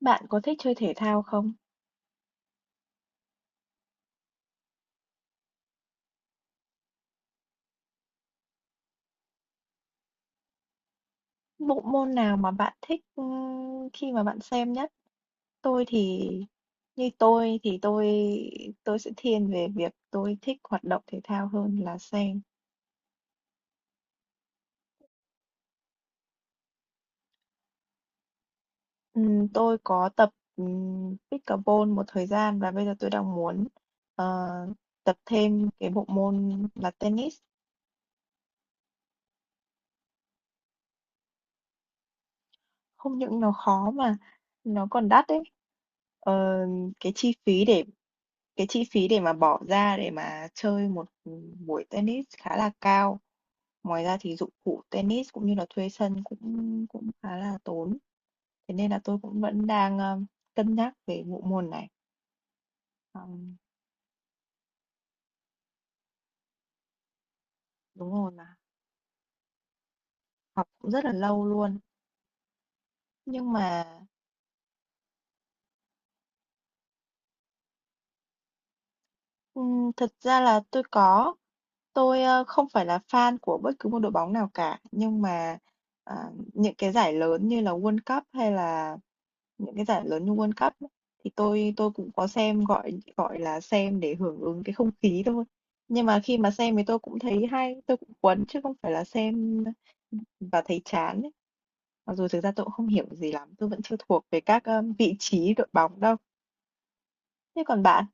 Bạn có thích chơi thể thao không? Bộ môn nào mà bạn thích, khi mà bạn xem nhất? Tôi thì Như tôi thì tôi sẽ thiên về việc tôi thích hoạt động thể thao hơn là xem. Tôi có tập, pickleball một thời gian và bây giờ tôi đang muốn, ờ, tập thêm cái bộ môn là tennis. Không những nó khó mà nó còn đắt đấy. Ờ, cái chi phí để Cái chi phí để mà bỏ ra để mà chơi một buổi tennis khá là cao. Ngoài ra thì dụng cụ tennis cũng như là thuê sân cũng cũng khá là tốn. Thế nên là tôi cũng vẫn đang, cân nhắc về bộ môn này. Ờm, Đúng rồi, mà học cũng rất là lâu luôn. Nhưng mà Thật ra là tôi có. Tôi, không phải là fan của bất cứ một đội bóng nào cả, nhưng mà, à, những cái giải lớn như là World Cup hay là những cái giải lớn như World Cup á, thì tôi cũng có xem, gọi gọi là, xem để hưởng ứng cái không khí thôi. Nhưng mà khi mà xem thì tôi cũng thấy hay, tôi cũng cuốn chứ không phải là xem và thấy chán ấy. Mặc dù thực ra tôi cũng không hiểu gì lắm, tôi vẫn chưa thuộc về các, vị trí đội bóng đâu. Thế còn bạn?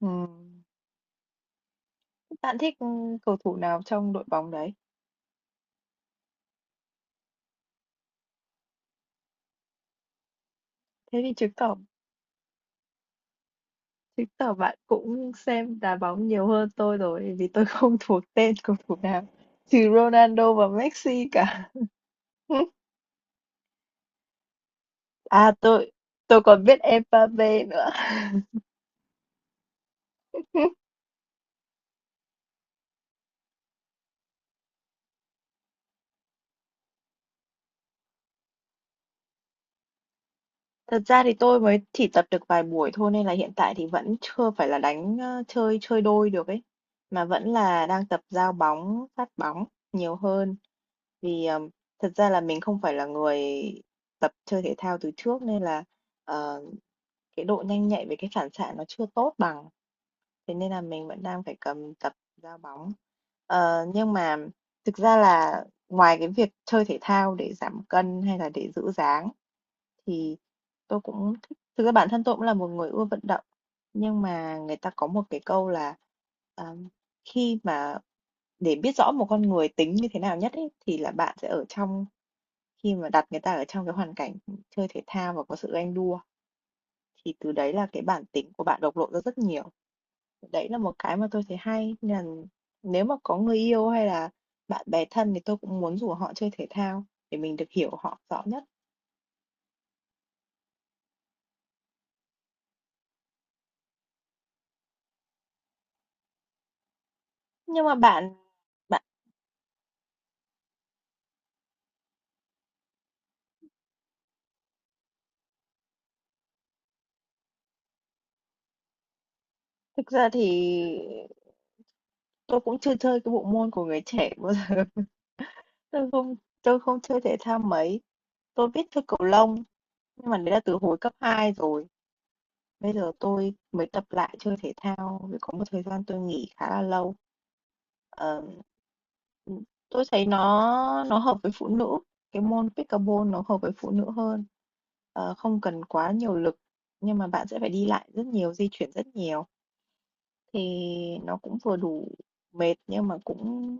Ừm. Bạn thích, cầu thủ nào trong đội bóng đấy? Thế thì chứng tỏ bạn cũng xem đá bóng nhiều hơn tôi rồi, vì tôi không thuộc tên cầu thủ nào, trừ Ronaldo và Messi cả. À, tôi còn biết Mbappe nữa. Thật ra thì tôi mới chỉ tập được vài buổi thôi nên là hiện tại thì vẫn chưa phải là đánh, ơ, chơi chơi đôi được ấy, mà vẫn là đang tập giao bóng, phát bóng nhiều hơn. Vì, thật ra là mình không phải là người tập chơi thể thao từ trước nên là, ờ, cái độ nhanh nhạy về cái phản xạ nó chưa tốt bằng, thế nên là mình vẫn đang phải cầm tập ra bóng. Nhưng mà thực ra là ngoài cái việc chơi thể thao để giảm cân hay là để giữ dáng thì tôi cũng thích thực ra bản thân tôi cũng là một người ưa vận động, nhưng mà người ta có một cái câu là, ờm, khi mà để biết rõ một con người tính như thế nào nhất ấy, thì là bạn sẽ ở trong khi mà đặt người ta ở trong cái hoàn cảnh chơi thể thao và có sự ganh đua thì từ đấy là cái bản tính của bạn bộc lộ ra rất nhiều. Đấy là một cái mà tôi thấy hay, nên là nếu mà có người yêu hay là bạn bè thân thì tôi cũng muốn rủ họ chơi thể thao để mình được hiểu họ rõ nhất. Nhưng mà bạn bạn Thực ra thì tôi cũng chưa chơi cái bộ môn của người trẻ bao giờ. Tôi không tôi không chơi thể thao mấy. Tôi biết chơi cầu lông nhưng mà đấy là từ hồi cấp 2 rồi. Bây giờ tôi mới tập lại chơi thể thao vì có một thời gian tôi nghỉ khá là lâu. Ờ, ừ, tôi thấy nó hợp với phụ nữ. Cái môn pickleball nó hợp với phụ nữ hơn. Không cần quá nhiều lực nhưng mà bạn sẽ phải đi lại rất nhiều, di chuyển rất nhiều thì nó cũng vừa đủ mệt nhưng mà cũng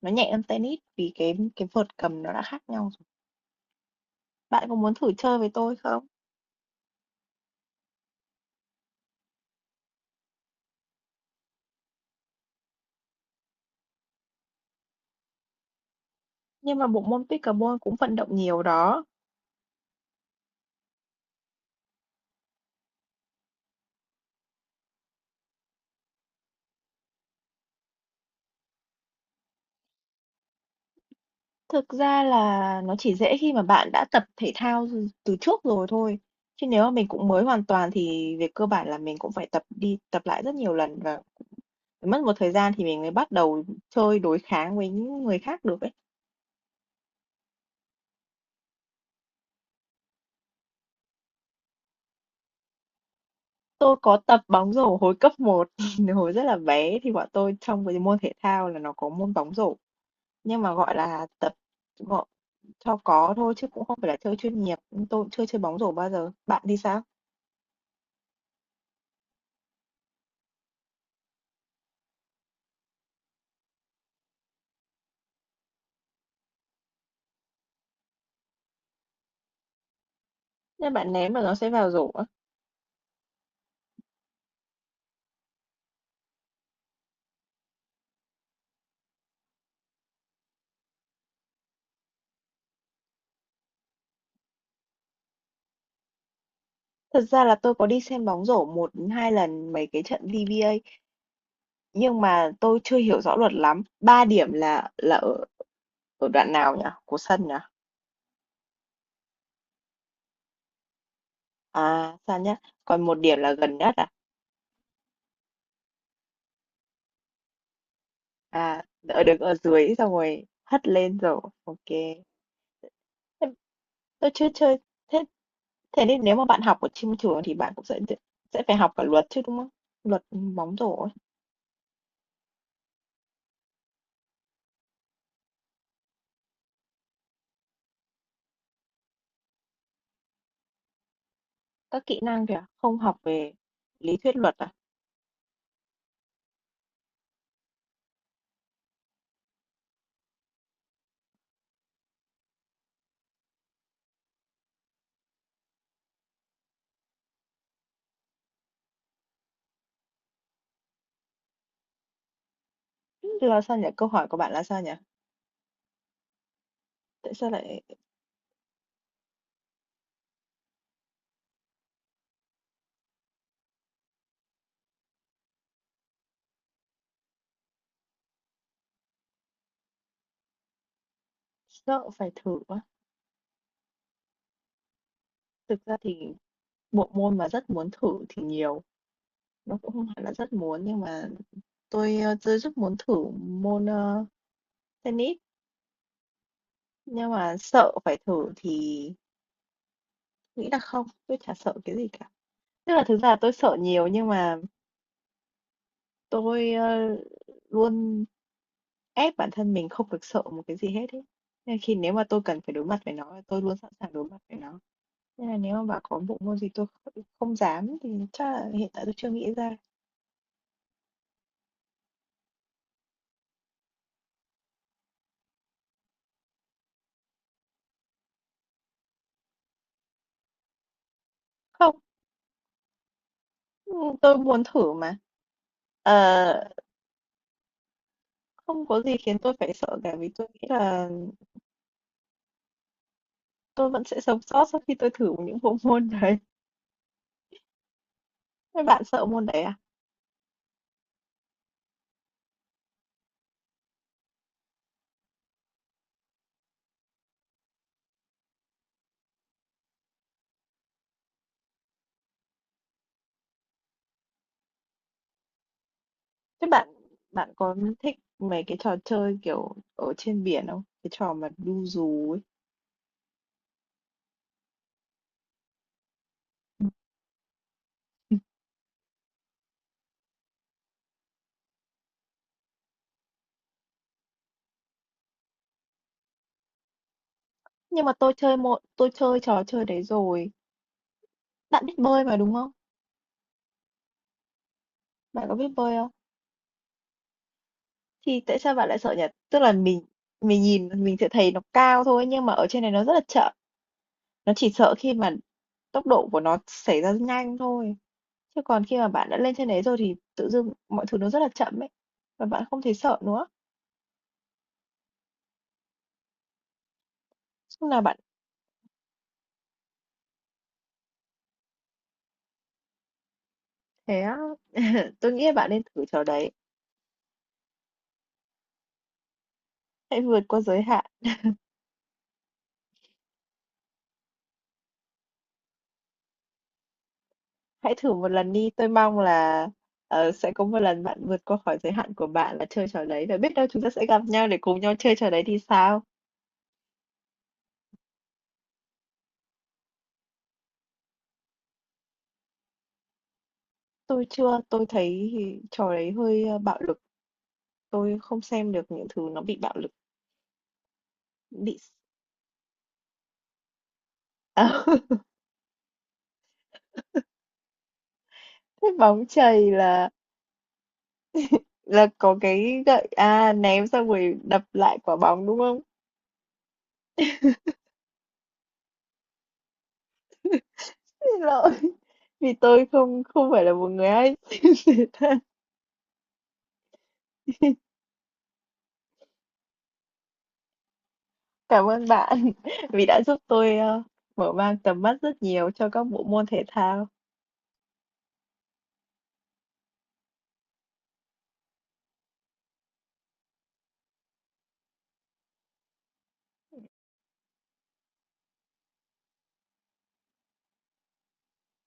nó nhẹ hơn tennis vì cái vợt cầm nó đã khác nhau rồi. Bạn có muốn thử chơi với tôi không? Nhưng mà bộ môn pickleball cũng vận động nhiều đó. Thực ra là nó chỉ dễ khi mà bạn đã tập thể thao từ từ trước rồi thôi, chứ nếu mà mình cũng mới hoàn toàn thì về cơ bản là mình cũng phải tập đi tập lại rất nhiều lần và mất một thời gian thì mình mới bắt đầu chơi đối kháng với những người khác được ấy. Tôi có tập bóng rổ hồi cấp một hồi rất là bé thì bọn tôi trong cái môn thể thao là nó có môn bóng rổ, nhưng mà, gọi là, tập gọn cho có thôi chứ cũng không phải là chơi chuyên nghiệp, tôi cũng chưa chơi bóng rổ bao giờ. Bạn thì sao? Nên bạn ném mà nó sẽ vào rổ à? Thật ra là tôi có đi xem bóng rổ 1, 2 lần mấy cái trận VBA nhưng mà tôi chưa hiểu rõ luật lắm. 3 điểm là ở ở đoạn nào nhỉ? Của sân nhỉ? À sao nhá. Còn 1 điểm là gần nhất à? À ở được ở dưới xong rồi hất lên rồi. Ok. Thế Tôi chưa chơi. Thế thế nên nếu mà bạn học ở trên trường thì bạn cũng sẽ phải học cả luật chứ đúng không? Luật bóng rổ ấy. Các kỹ năng kìa, không học về lý thuyết luật à? Là sao nhỉ? Câu hỏi của bạn là sao nhỉ? Tại sao lại Sợ phải thử á. Thực ra thì bộ môn mà rất muốn thử thì nhiều, nó cũng không hẳn là rất muốn, nhưng mà tôi rất muốn thử môn, tennis, nhưng mà sợ phải thử thì nghĩ là không, tôi chả sợ cái gì cả. Tức là thực ra là tôi sợ nhiều nhưng mà tôi, luôn ép bản thân mình không được sợ một cái gì hết ấy. Nên nếu mà tôi cần phải đối mặt với nó, tôi luôn sẵn sàng đối mặt với nó. Nên là nếu mà bảo có bộ môn gì tôi không không dám thì chắc là hiện tại tôi chưa nghĩ ra. Không, ừ, tôi muốn thử mà Ờ, không có gì khiến tôi phải sợ cả vì tôi nghĩ là tôi vẫn sẽ sống sót sau khi tôi thử những bộ môn đấy. Thế bạn sợ môn đấy à? Thế bạn bạn có thích mấy cái trò chơi kiểu ở trên biển không? Cái trò mà đu dù ấy. Ừ. Nhưng mà tôi chơi trò chơi đấy rồi. Bạn biết bơi mà đúng không? Bạn có biết bơi không? Thì tại sao bạn lại sợ nhỉ? Tức là mình nhìn mình sẽ thấy nó cao thôi nhưng mà ở trên này nó rất là chậm. Nó chỉ sợ khi mà tốc độ của nó xảy ra nhanh thôi, chứ còn khi mà bạn đã lên trên đấy rồi thì tự dưng mọi thứ nó rất là chậm ấy, và bạn không thấy sợ nữa. Chung là bạn thế Tôi nghĩ là bạn nên thử trò đấy, hãy vượt qua giới hạn, hãy thử một lần đi, tôi mong là, sẽ có một lần bạn vượt qua khỏi giới hạn của bạn là chơi trò đấy, và biết đâu chúng ta sẽ gặp nhau để cùng nhau chơi trò đấy thì sao? Tôi chưa, tôi thấy trò đấy hơi, bạo lực, tôi không xem được những thứ nó bị bạo lực, bị ờ. Thế bóng chày là có cái gậy à ném xong rồi đập lại quả bóng đúng không? Xin lỗi. Vì tôi không không phải là một người hay xem thể thao. Cảm ơn bạn vì đã giúp tôi mở mang tầm mắt rất nhiều cho các bộ môn thể thao.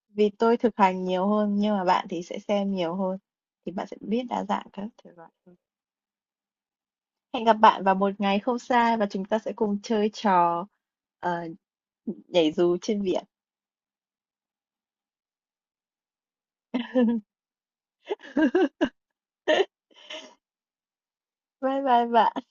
Vì tôi thực hành nhiều hơn nhưng mà bạn thì sẽ xem nhiều hơn thì bạn sẽ biết đa dạng các thể loại hơn. Hẹn gặp bạn vào một ngày không xa và chúng ta sẽ cùng chơi trò ờ, nhảy dù trên biển. Vâng, vâng, vâng.